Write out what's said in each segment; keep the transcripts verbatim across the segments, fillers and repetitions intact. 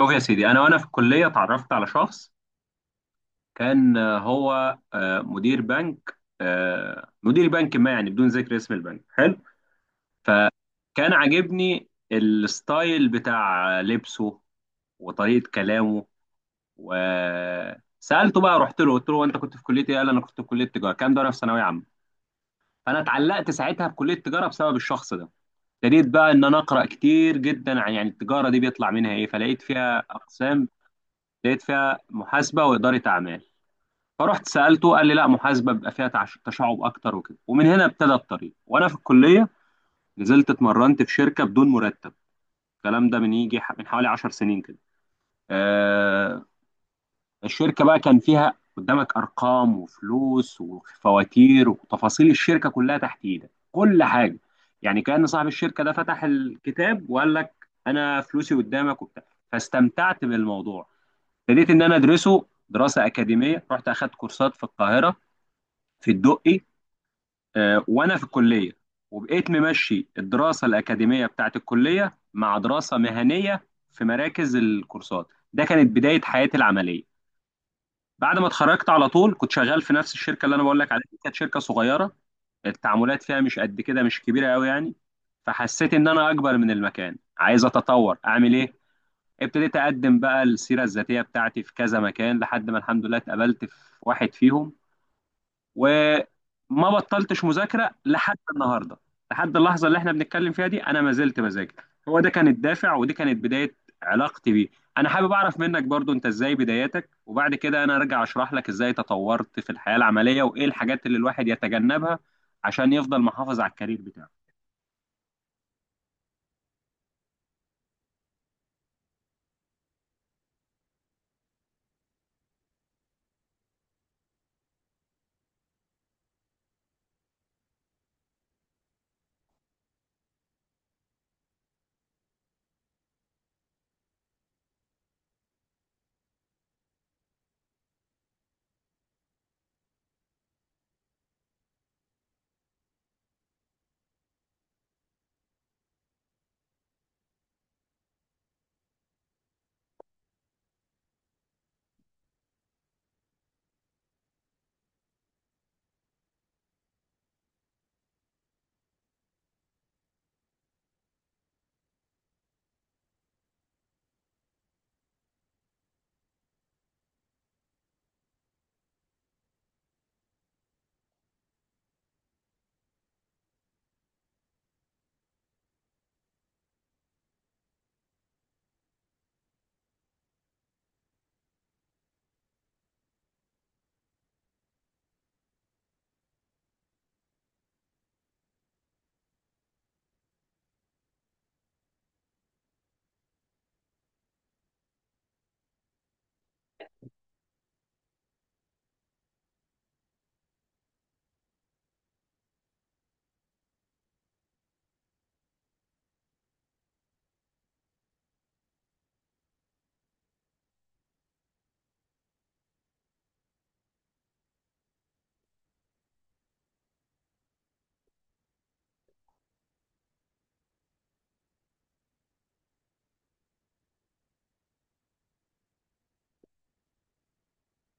شوف يا سيدي، انا وانا في الكليه اتعرفت على شخص. كان آه، هو آه، مدير بنك، آه، مدير بنك ما، يعني بدون ذكر اسم البنك، حلو. فكان عاجبني الستايل بتاع لبسه وطريقه كلامه. وسالته بقى، رحت له قلت له: انت كنت في كليه ايه؟ قال: انا كنت في كليه تجاره. كان ده وانا في ثانويه عامه. فانا اتعلقت ساعتها بكليه التجاره بسبب الشخص ده. ابتديت بقى ان انا اقرا كتير جدا عن يعني التجاره دي بيطلع منها ايه، فلقيت فيها اقسام. لقيت فيها محاسبه واداره اعمال. فرحت سالته قال لي: لا، محاسبه بيبقى فيها تعش- تشعب اكتر وكده. ومن هنا ابتدى الطريق وانا في الكليه. نزلت اتمرنت في شركه بدون مرتب. الكلام ده من يجي ح- من حوالي 10 سنين كده. آه الشركه بقى كان فيها قدامك ارقام وفلوس وفواتير وتفاصيل الشركه كلها تحت ايدك كل حاجه. يعني كان صاحب الشركه ده فتح الكتاب وقال لك: انا فلوسي قدامك وبتاع. فاستمتعت بالموضوع. ابتديت ان انا ادرسه دراسه اكاديميه، رحت اخدت كورسات في القاهره، في الدقي، آه، وانا في الكليه. وبقيت ممشي الدراسه الاكاديميه بتاعت الكليه مع دراسه مهنيه في مراكز الكورسات. ده كانت بدايه حياتي العمليه. بعد ما اتخرجت على طول كنت شغال في نفس الشركه اللي انا بقول لك عليها دي، كانت شركه صغيره. التعاملات فيها مش قد كده، مش كبيره قوي يعني. فحسيت ان انا اكبر من المكان، عايز اتطور اعمل ايه. ابتديت اقدم بقى السيره الذاتيه بتاعتي في كذا مكان لحد ما الحمد لله اتقبلت في واحد فيهم. وما بطلتش مذاكره لحد النهارده. لحد اللحظه اللي احنا بنتكلم فيها دي انا ما زلت بذاكر. هو ده كان الدافع ودي كانت بدايه علاقتي بيه. انا حابب اعرف منك برضو انت ازاي بداياتك، وبعد كده انا ارجع اشرح لك ازاي تطورت في الحياه العمليه وايه الحاجات اللي الواحد يتجنبها عشان يفضل محافظ على الكارير بتاعه.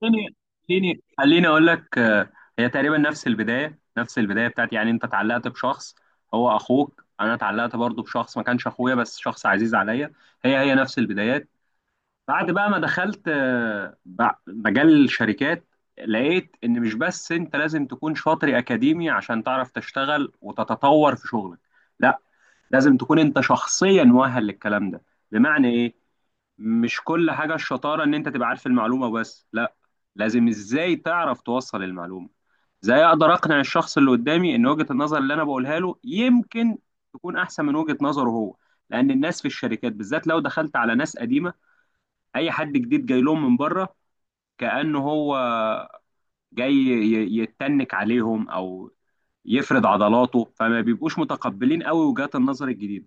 خليني خليني خليني اقول لك. آه، هي تقريبا نفس البدايه نفس البدايه بتاعتي. يعني انت اتعلقت بشخص هو اخوك، انا اتعلقت برضو بشخص ما كانش اخويا بس شخص عزيز عليا. هي هي نفس البدايات. بعد بقى ما دخلت آه، بع- مجال الشركات، لقيت ان مش بس انت لازم تكون شاطر اكاديمي عشان تعرف تشتغل وتتطور في شغلك. لا، لازم تكون انت شخصيا مؤهل للكلام ده. بمعنى ايه؟ مش كل حاجة الشطارة ان انت تبقى عارف المعلومة بس، لا، لازم ازاي تعرف توصل المعلومة. ازاي اقدر اقنع الشخص اللي قدامي ان وجهة النظر اللي انا بقولها له يمكن تكون احسن من وجهة نظره هو. لان الناس في الشركات بالذات لو دخلت على ناس قديمة، اي حد جديد جاي لهم من بره كأنه هو جاي ي- يتنك عليهم او يفرد عضلاته، فما بيبقوش متقبلين قوي وجهات النظر الجديدة.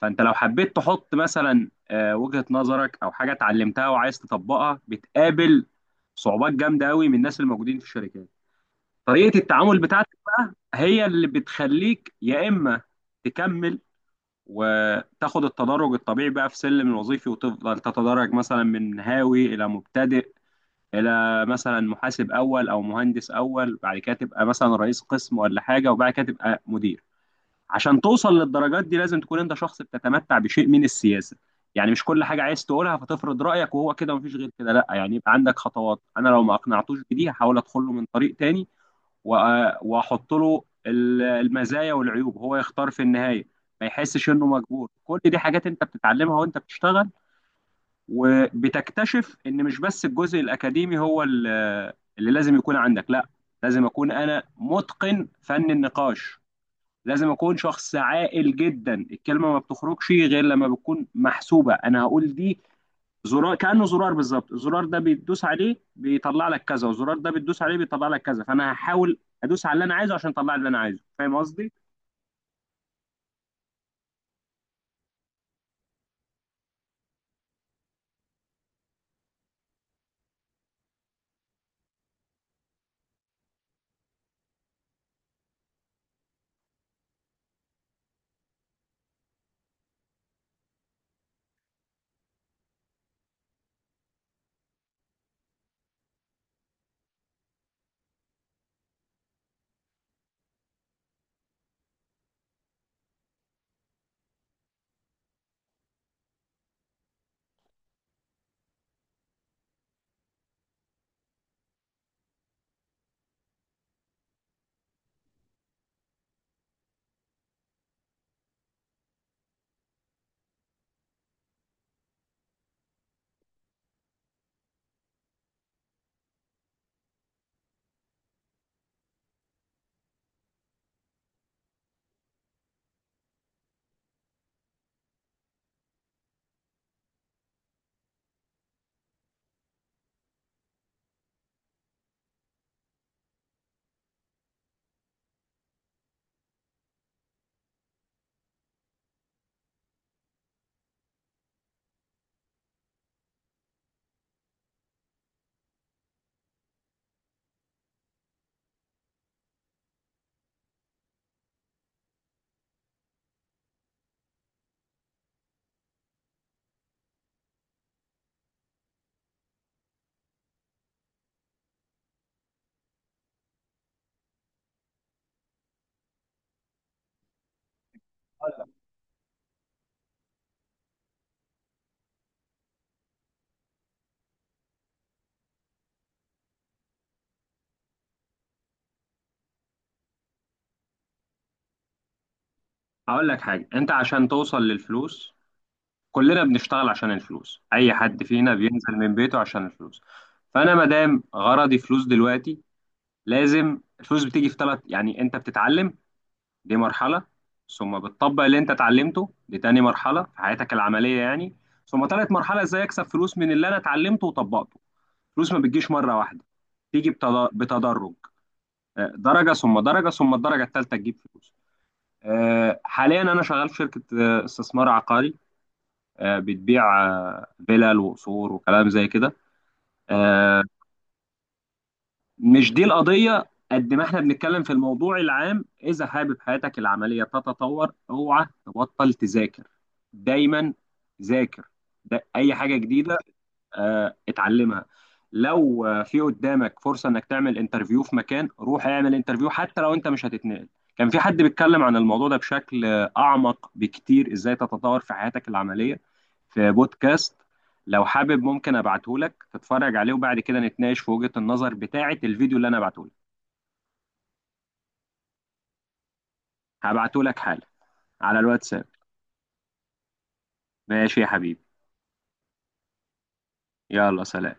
فانت لو حبيت تحط مثلا آه، وجهة نظرك او حاجه اتعلمتها وعايز تطبقها، بتقابل صعوبات جامده قوي من الناس الموجودين في الشركات. طريقه التعامل بتاعتك بقى هي اللي بتخليك يا اما تكمل وتاخد التدرج الطبيعي بقى في سلم الوظيفي، وتفضل تتدرج مثلا من هاوي الى مبتدئ الى مثلا محاسب اول او مهندس اول، بعد كده تبقى مثلا رئيس قسم ولا حاجه، وبعد كده تبقى مدير. عشان توصل للدرجات دي لازم تكون انت شخص بتتمتع بشيء من السياسه. يعني مش كل حاجه عايز تقولها فتفرض رايك وهو كده ومفيش غير كده، لا، يعني يبقى عندك خطوات. انا لو ما اقنعتوش بدي، هحاول ادخل له من طريق تاني وأ- واحط له ال- المزايا والعيوب، هو يختار في النهايه، ما يحسش انه مجبور. كل دي حاجات انت بتتعلمها وانت بتشتغل. وبتكتشف ان مش بس الجزء الاكاديمي هو ال- اللي لازم يكون عندك. لا، لازم اكون انا متقن فن النقاش. لازم اكون شخص عاقل جدا. الكلمه ما بتخرجش غير لما بتكون محسوبه. انا هقول دي زرار، كانه زرار بالظبط. الزرار ده بتدوس عليه بيطلع لك كذا، والزرار ده بتدوس عليه بيطلع لك كذا. فانا هحاول ادوس على اللي انا عايزه عشان اطلع اللي انا عايزه. فاهم قصدي؟ هقول لك حاجه. انت عشان توصل للفلوس، كلنا بنشتغل عشان الفلوس، اي حد فينا بينزل من بيته عشان الفلوس. فانا ما دام غرضي فلوس دلوقتي، لازم الفلوس بتيجي في ثلاث. يعني انت بتتعلم، دي مرحلة. ثم بتطبق اللي انت اتعلمته، دي تاني مرحلة في حياتك العملية يعني. ثم تالت مرحلة ازاي اكسب فلوس من اللي انا اتعلمته وطبقته. الفلوس ما بتجيش مرة واحدة، تيجي بتد- بتدرج. آه، درجة ثم درجة ثم الدرجة التالتة تجيب فلوس. آه، حاليا انا شغال في شركة آه، استثمار عقاري. آه، بتبيع آه، فيلل وقصور وكلام زي كده. آه، مش دي القضية. قد ما احنا بنتكلم في الموضوع العام، إذا حابب حياتك العملية تتطور اوعى تبطل تذاكر. دايما ذاكر، ده أي حاجة جديدة آه، اتعلمها. لو آه، في قدامك فرصة انك تعمل انترفيو في مكان روح اعمل انترفيو حتى لو انت مش هتتنقل. كان في حد بيتكلم عن الموضوع ده بشكل آه، اعمق بكتير ازاي تتطور في حياتك العملية في بودكاست. لو حابب ممكن ابعته لك تتفرج عليه وبعد كده نتناقش في وجهة النظر بتاعة الفيديو اللي انا بعته لك. هبعته لك حالا على الواتساب. ماشي يا حبيبي. يلا سلام.